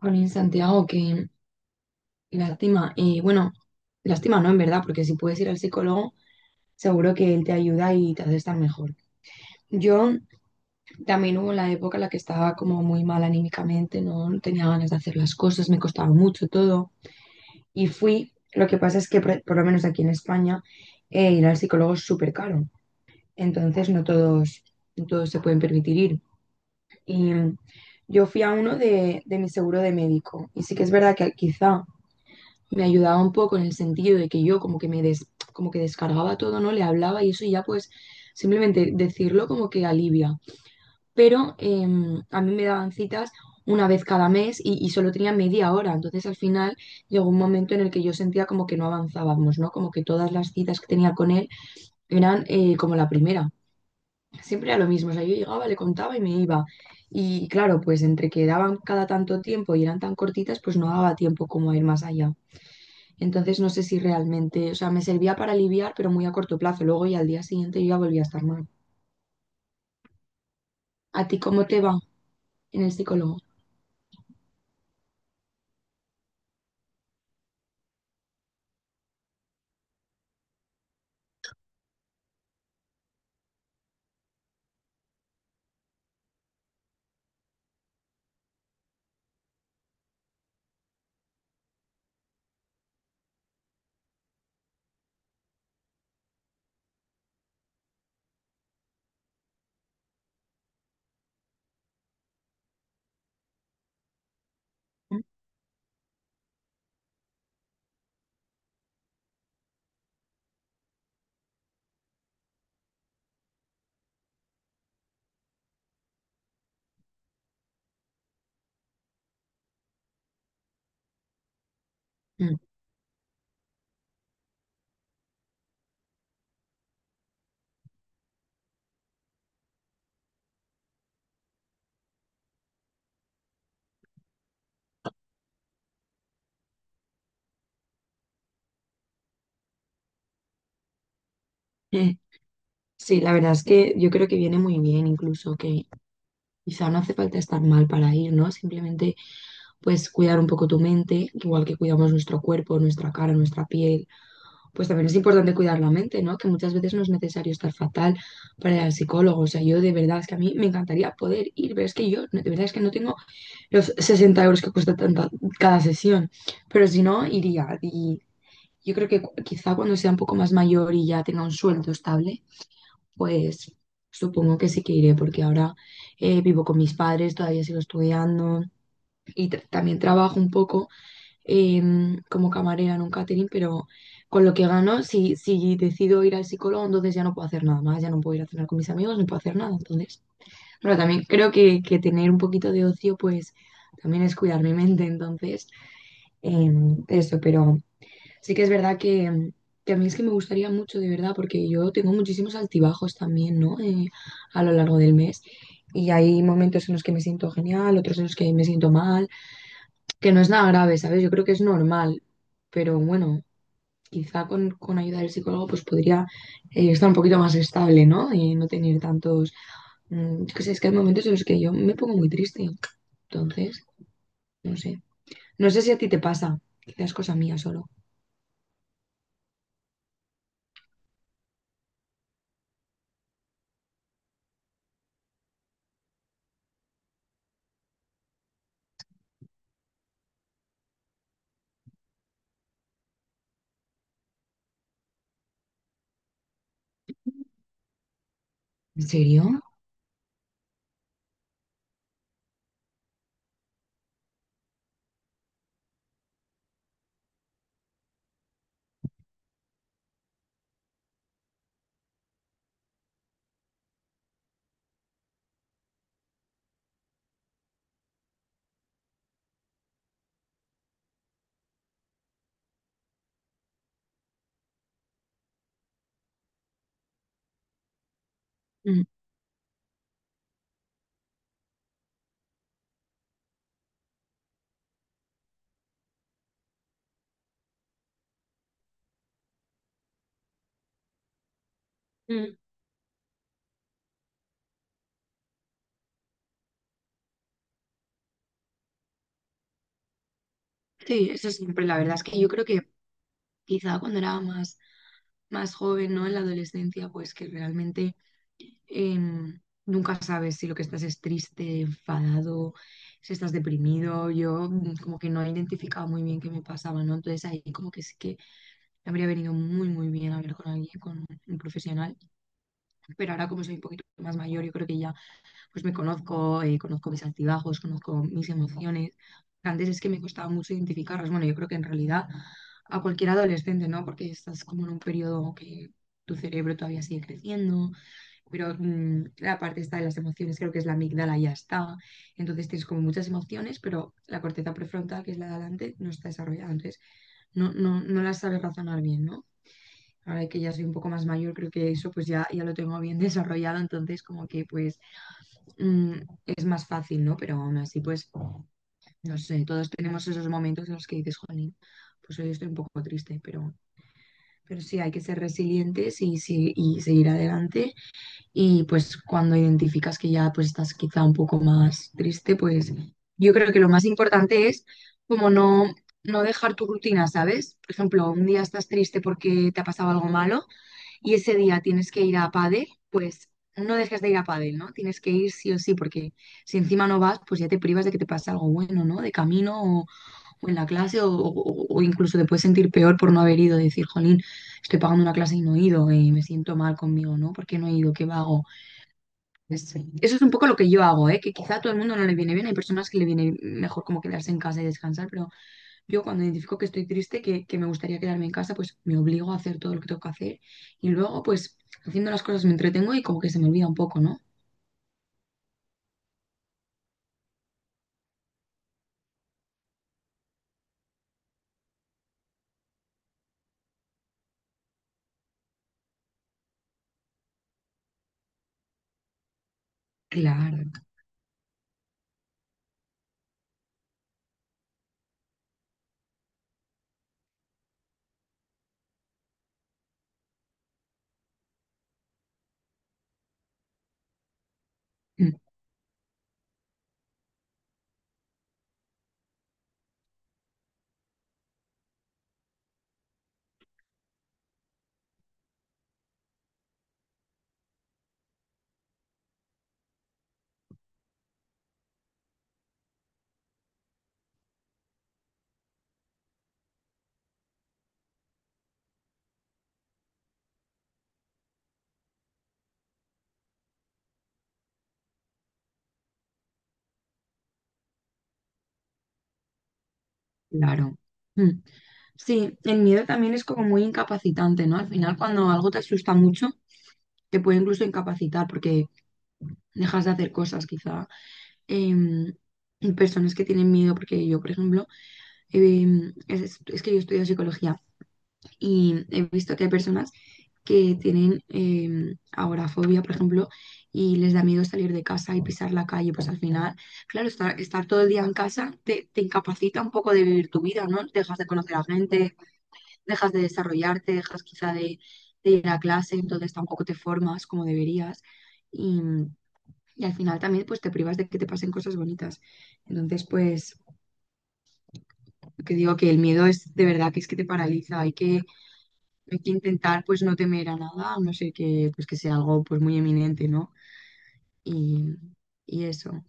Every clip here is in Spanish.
Jolín, Santiago, qué lástima. Y bueno, lástima no, en verdad, porque si puedes ir al psicólogo, seguro que él te ayuda y te hace estar mejor. Yo también hubo la época en la que estaba como muy mal anímicamente, no tenía ganas de hacer las cosas, me costaba mucho todo. Y fui, lo que pasa es que por lo menos aquí en España, ir al psicólogo es súper caro. Entonces no todos, no todos se pueden permitir ir. Y mm, yo fui a uno de mi seguro de médico. Y sí que es verdad que quizá me ayudaba un poco en el sentido de que yo como que como que descargaba todo, ¿no? Le hablaba y eso y ya pues simplemente decirlo como que alivia. Pero a mí me daban citas una vez cada mes y solo tenía media hora. Entonces al final llegó un momento en el que yo sentía como que no avanzábamos, ¿no? Como que todas las citas que tenía con él eran como la primera. Siempre era lo mismo, o sea, yo llegaba, le contaba y me iba. Y claro, pues entre que daban cada tanto tiempo y eran tan cortitas, pues no daba tiempo como a ir más allá. Entonces no sé si realmente, o sea, me servía para aliviar, pero muy a corto plazo. Luego y al día siguiente yo ya volví a estar mal. ¿A ti cómo te va en el psicólogo? Mm. Sí, la verdad es que yo creo que viene muy bien, incluso que quizá no hace falta estar mal para ir, ¿no? Simplemente pues cuidar un poco tu mente, igual que cuidamos nuestro cuerpo, nuestra cara, nuestra piel, pues también es importante cuidar la mente, ¿no? Que muchas veces no es necesario estar fatal para ir al psicólogo. O sea, yo de verdad es que a mí me encantaría poder ir, pero es que yo de verdad es que no tengo los 60 euros que cuesta cada sesión. Pero si no, iría. Y yo creo que quizá cuando sea un poco más mayor y ya tenga un sueldo estable, pues supongo que sí que iré, porque ahora vivo con mis padres, todavía sigo estudiando y también trabajo un poco como camarera en un catering, pero con lo que gano, si decido ir al psicólogo, entonces ya no puedo hacer nada más, ya no puedo ir a cenar con mis amigos, no puedo hacer nada, entonces. Pero también creo que tener un poquito de ocio, pues también es cuidar mi mente, entonces, pero sí que es verdad que a mí es que me gustaría mucho, de verdad, porque yo tengo muchísimos altibajos también, ¿no? A lo largo del mes. Y hay momentos en los que me siento genial, otros en los que me siento mal, que no es nada grave, ¿sabes? Yo creo que es normal, pero bueno, quizá con ayuda del psicólogo pues podría estar un poquito más estable, ¿no? Y no tener tantos. Yo qué sé, es que hay momentos en los que yo me pongo muy triste entonces, no sé. No sé si a ti te pasa. Quizás cosa mía solo. ¿En serio? Mm, mm. Sí, eso siempre, la verdad es que yo creo que quizá cuando era más joven, ¿no? En la adolescencia, pues que realmente em, nunca sabes si lo que estás es triste, enfadado, si estás deprimido. Yo como que no he identificado muy bien qué me pasaba, ¿no? Entonces ahí como que sí que me habría venido muy bien hablar con alguien, con un profesional. Pero ahora como soy un poquito más mayor, yo creo que ya pues me conozco, conozco mis altibajos, conozco mis emociones. Antes es que me costaba mucho identificarlas. Bueno, yo creo que en realidad a cualquier adolescente, ¿no? Porque estás como en un periodo que tu cerebro todavía sigue creciendo, pero la parte está de las emociones, creo que es la amígdala, ya está. Entonces tienes como muchas emociones, pero la corteza prefrontal, que es la de adelante, no está desarrollada. Entonces no las sabes razonar bien, ¿no? Ahora que ya soy un poco más mayor, creo que eso pues ya lo tengo bien desarrollado, entonces como que pues mm, es más fácil, ¿no? Pero aún así, pues, no sé, todos tenemos esos momentos en los que dices, jolín, pues hoy estoy un poco triste, pero sí, hay que ser resilientes y y seguir adelante. Y pues cuando identificas que ya pues estás quizá un poco más triste, pues yo creo que lo más importante es como no dejar tu rutina, ¿sabes? Por ejemplo, un día estás triste porque te ha pasado algo malo y ese día tienes que ir a pádel, pues no dejes de ir a pádel, ¿no? Tienes que ir sí o sí, porque si encima no vas, pues ya te privas de que te pase algo bueno, ¿no? De camino o en la clase o o incluso te puedes sentir peor por no haber ido, decir, jolín, estoy pagando una clase y no he ido, me siento mal conmigo, ¿no? ¿Por qué no he ido? ¿Qué vago? Eso es un poco lo que yo hago, ¿eh? Que quizá a todo el mundo no le viene bien, hay personas que le viene mejor como quedarse en casa y descansar, pero yo cuando identifico que estoy triste, que me gustaría quedarme en casa, pues me obligo a hacer todo lo que tengo que hacer y luego pues haciendo las cosas me entretengo y como que se me olvida un poco, ¿no? Claro, mm, claro. mm. Sí, el miedo también es como muy incapacitante, ¿no? Al final cuando algo te asusta mucho, te puede incluso incapacitar porque dejas de hacer cosas quizá. Em, Personas que tienen miedo, porque yo, por ejemplo, es que yo estudio psicología. Y he visto que hay personas que tienen agorafobia, por ejemplo, y les da miedo salir de casa y pisar la calle. Pues al final, claro, estar todo el día en casa te incapacita un poco de vivir tu vida, ¿no? Dejas de conocer a gente, dejas de desarrollarte, dejas quizá de ir a clase, entonces tampoco te formas como deberías. Y, y al final también pues te privas de que te pasen cosas bonitas. Entonces, pues, que digo que el miedo es de verdad que es que te paraliza, Hay que intentar pues no temer a nada, a no ser que sea algo pues muy eminente, ¿no? Y, y eso.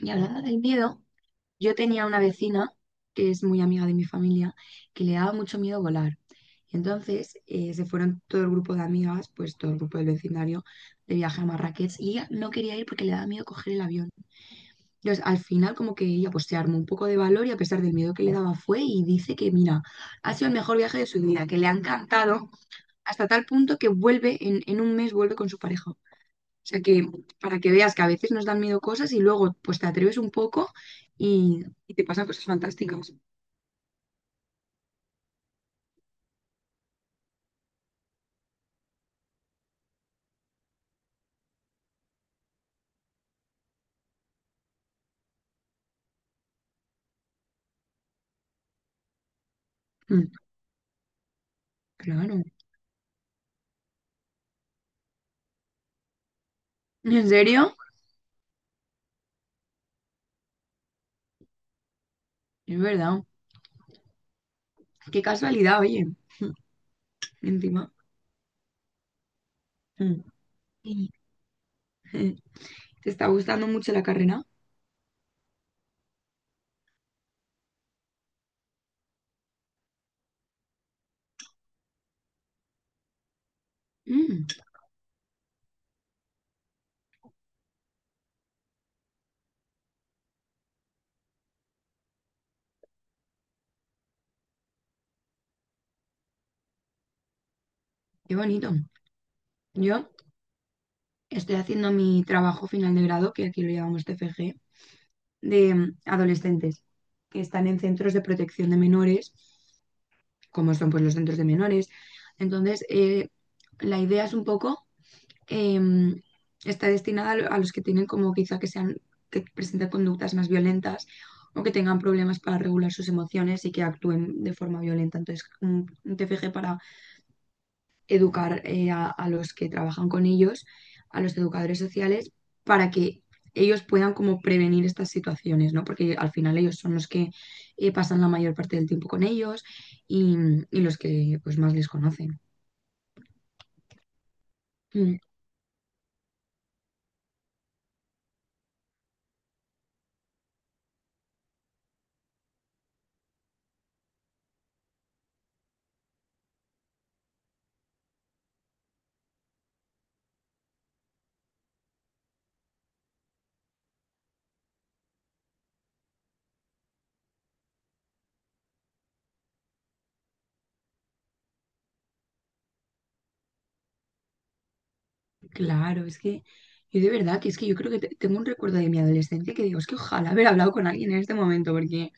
Y hablando del miedo, yo tenía una vecina que es muy amiga de mi familia, que le daba mucho miedo volar. Y entonces se fueron todo el grupo de amigas, pues todo el grupo del vecindario, de viaje a Marrakech y ella no quería ir porque le daba miedo coger el avión. Entonces al final como que ella pues se armó un poco de valor y a pesar del miedo que le daba fue y dice que mira, ha sido el mejor viaje de su vida, que le ha encantado hasta tal punto que vuelve en un mes, vuelve con su pareja. O sea que para que veas que a veces nos dan miedo cosas y luego pues te atreves un poco y te pasan cosas fantásticas. Mm, claro. ¿En serio? Es verdad. Qué casualidad, oye. Encima. Mm. Y, eh, ¿Te está gustando mucho la carrera? Mm, qué bonito. Yo estoy haciendo mi trabajo final de grado, que aquí lo llamamos TFG, de adolescentes que están en centros de protección de menores como son pues, los centros de menores. Entonces, la idea es un poco, eh, está destinada a a los que tienen como quizá que presenten conductas más violentas o que tengan problemas para regular sus emociones y que actúen de forma violenta. Entonces, un TFG para educar a los que trabajan con ellos, a los educadores sociales, para que ellos puedan como prevenir estas situaciones, ¿no? Porque al final ellos son los que pasan la mayor parte del tiempo con ellos y, y los que pues más les conocen. Mm, Claro, es que yo de verdad que es que yo creo que tengo un recuerdo de mi adolescencia que digo, es que ojalá haber hablado con alguien en este momento, porque,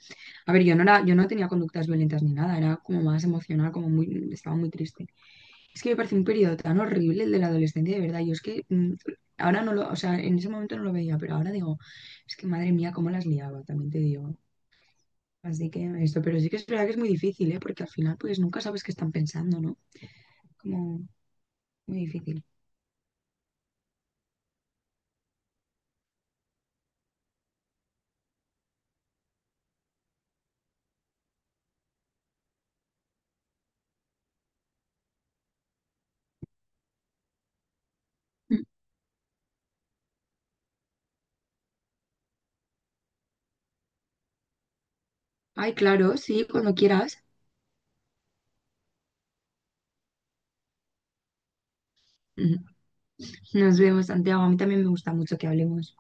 a ver, yo no era, yo no tenía conductas violentas ni nada, era como más emocional, como muy, estaba muy triste. Es que me parece un periodo tan horrible el de la adolescencia, de verdad. Yo es que ahora no lo, o sea, en ese momento no lo veía, pero ahora digo, es que madre mía, cómo las liaba, también te digo. Así que esto, pero sí que es verdad que es muy difícil, ¿eh? Porque al final, pues nunca sabes qué están pensando, ¿no? Como muy difícil. Mm. Ay, claro, sí, cuando quieras. Mm. Nos vemos, Santiago. A mí también me gusta mucho que hablemos.